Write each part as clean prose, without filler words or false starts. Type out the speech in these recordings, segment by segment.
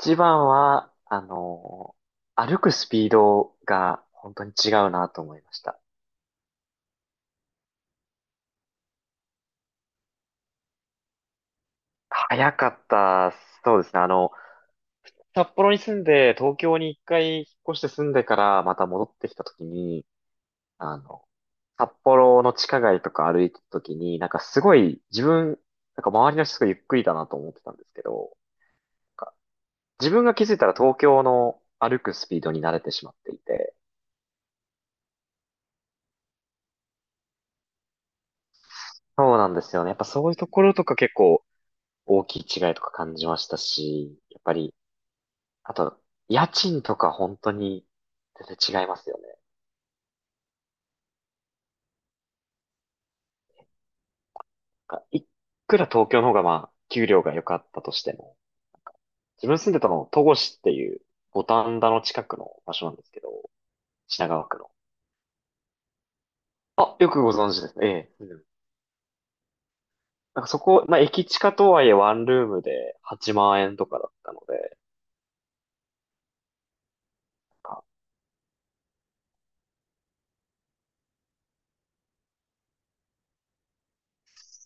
一番は、歩くスピードが本当に違うなと思いました。早かった、そうですね。札幌に住んで、東京に一回引っ越して住んでから、また戻ってきた時に、あの、札幌の地下街とか歩いてた時に、なんかすごい、なんか周りの人がゆっくりだなと思ってたんですけど、なんか自分が気づいたら東京の歩くスピードに慣れてしまっていて、そうなんですよね。やっぱそういうところとか結構、大きい違いとか感じましたし、やっぱり、あと、家賃とか本当に全然違いますよね。なんかいくら東京の方がまあ、給料が良かったとしても、自分住んでたの、戸越っていう五反田の近くの場所なんですけど、品川区の。あ、よくご存知ですね。ええ。うん。なんかそこ、まあ、駅近とはいえワンルームで8万円とかだったので、あ、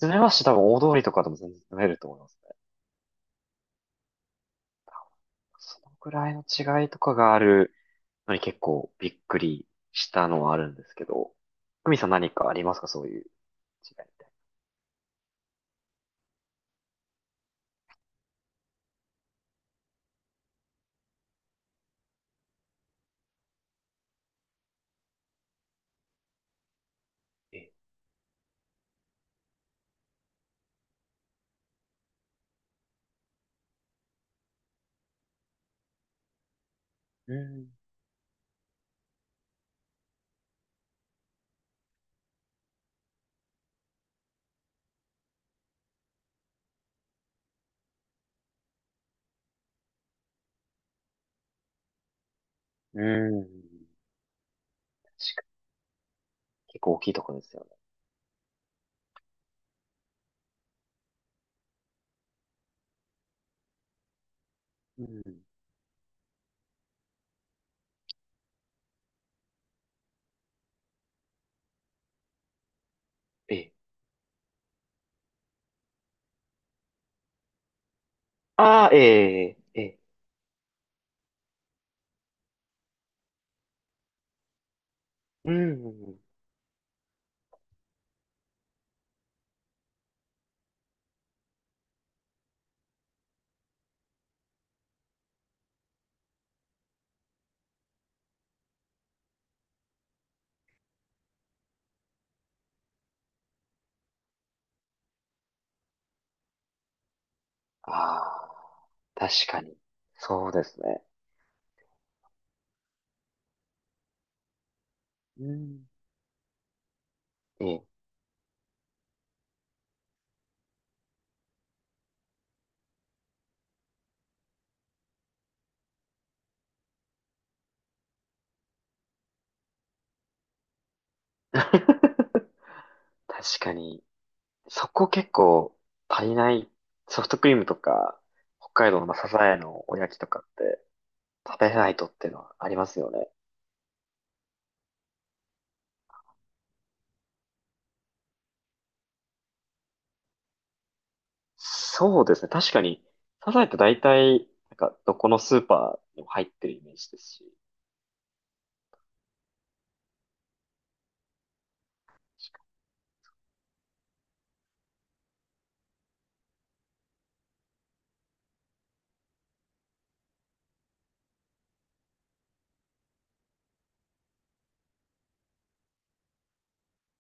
住めますし多分大通りとかでも全然住めると思いますね。多分そのくらいの違いとかがあるのに結構びっくりしたのはあるんですけど、久美さん何かありますかそういう違いみたい。ええ、うん、うん。確かに。結構大きいところですよね。うん。ええ。ああ、ええ、ええ。うん。ああ、確かに。そうですね。うん。ええ。確かに。そこ結構足りない。ソフトクリームとか、北海道のまあサザエのおやきとかって食べないとっていうのはありますよね。そうですね。確かに、サザエって大体、なんか、どこのスーパーにも入ってるイメージですし。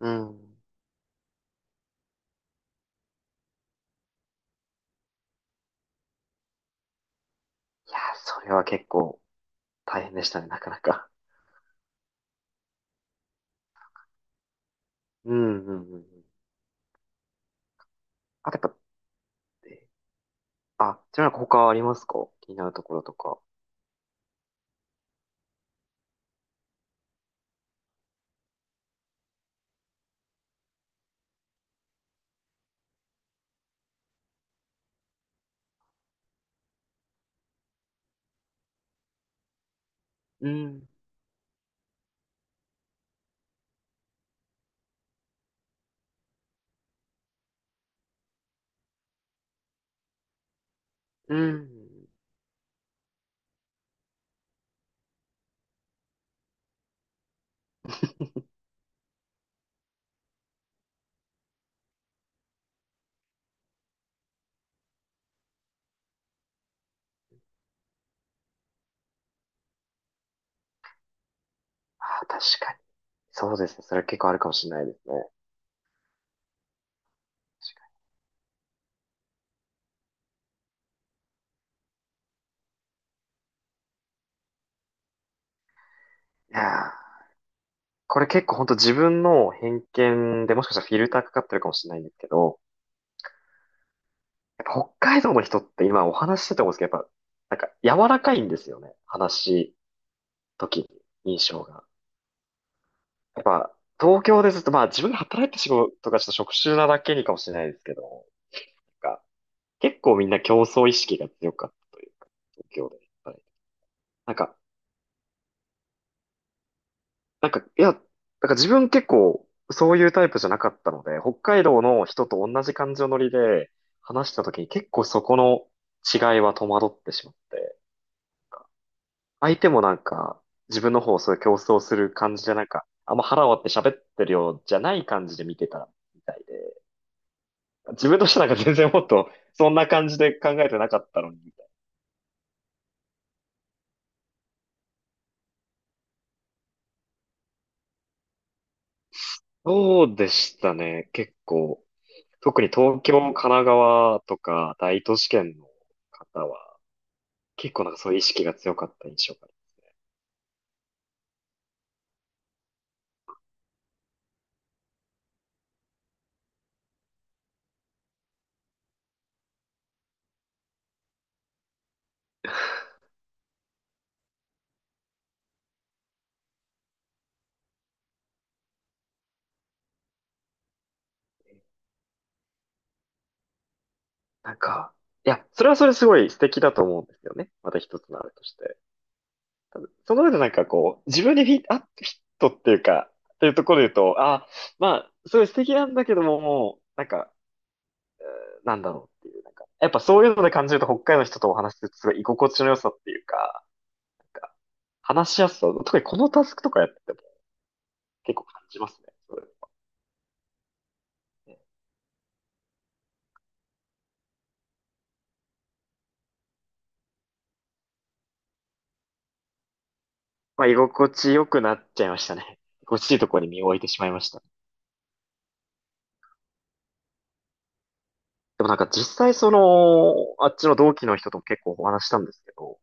うん。いやー、それは結構大変でしたね、なかなか。うん、うん、うん。うん。あとやっぱ、え、あ、ちなみに他ありますか気になるところとか。うん、うん。あー、確かに。そうですね。それは結構あるかもしれないですね。確かに。いやー、これ結構本当自分の偏見でもしかしたらフィルターかかってるかもしれないんですけど、やっぱ北海道の人って今お話ししてて思うんですけど、やっぱ、なんか柔らかいんですよね。話し時に印象が。やっぱ、東京ですと、まあ自分が働いて仕事がちょっと職種なだけにかもしれないですけど、なんか、結構みんな競争意識が強かったというか、東京で働いて。なんか、いや、自分結構そういうタイプじゃなかったので、北海道の人と同じ感情のノリで話した時に結構そこの違いは戸惑ってしまって。相手もなんか、自分の方をそういう競争する感じでなんか、あんま腹割って喋ってるようじゃない感じで見てたみたいで、自分としてはなんか全然もっとそんな感じで考えてなかったのに、みたいな。そうでしたね、結構。特に東京、神奈川とか大都市圏の方は、結構なんかそういう意識が強かった印象がある。なんか、いや、それはそれすごい素敵だと思うんですよね。また一つのあれとして。その上でなんかこう、自分にフィット、あ、フィットっていうか、っていうところで言うと、あ、まあ、すごい素敵なんだけども、もう、なんか、なんだろう。やっぱそういうので感じると北海道の人とお話しするとすごい居心地の良さっていうか、なんか話しやすさ、特にこのタスクとかやってても結構感じますね。それまあ、居心地良くなっちゃいましたね。居心地いいところに身を置いてしまいました。でもなんか実際その、あっちの同期の人とも結構お話したんですけど、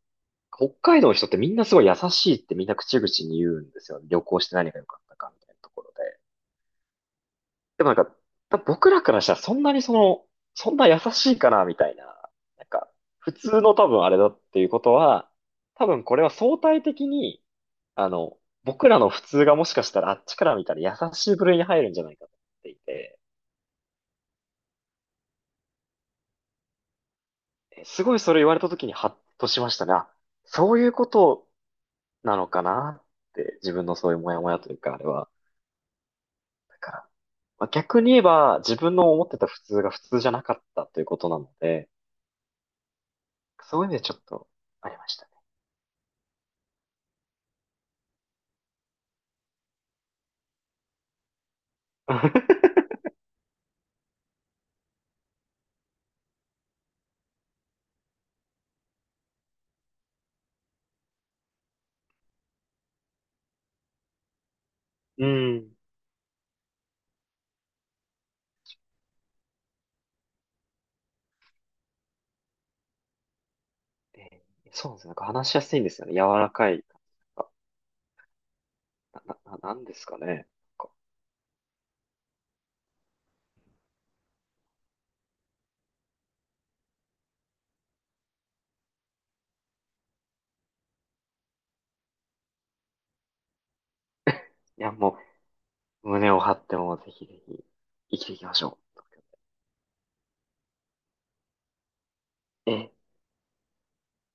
北海道の人ってみんなすごい優しいってみんな口々に言うんですよ。旅行して何が良かったかみたいなところで。でもなんか、多分僕らからしたらそんなにその、そんな優しいかなみたいな。なんか、普通の多分あれだっていうことは、多分これは相対的に、あの、僕らの普通がもしかしたらあっちから見たら優しい部類に入るんじゃないかと思っていて、すごいそれ言われた時にハッとしましたね。あ、そういうことなのかなって、自分のそういうモヤモヤというか、あれはだから、まあ、逆に言えば自分の思ってた普通が普通じゃなかったということなので、そういう意味でちょっとありましたね。うん。でそうなんですよ。なんか話しやすいんですよね。柔らかい。なんなんですかね。なんかいや、もう、胸を張ってもぜひぜひ生きていきましょう。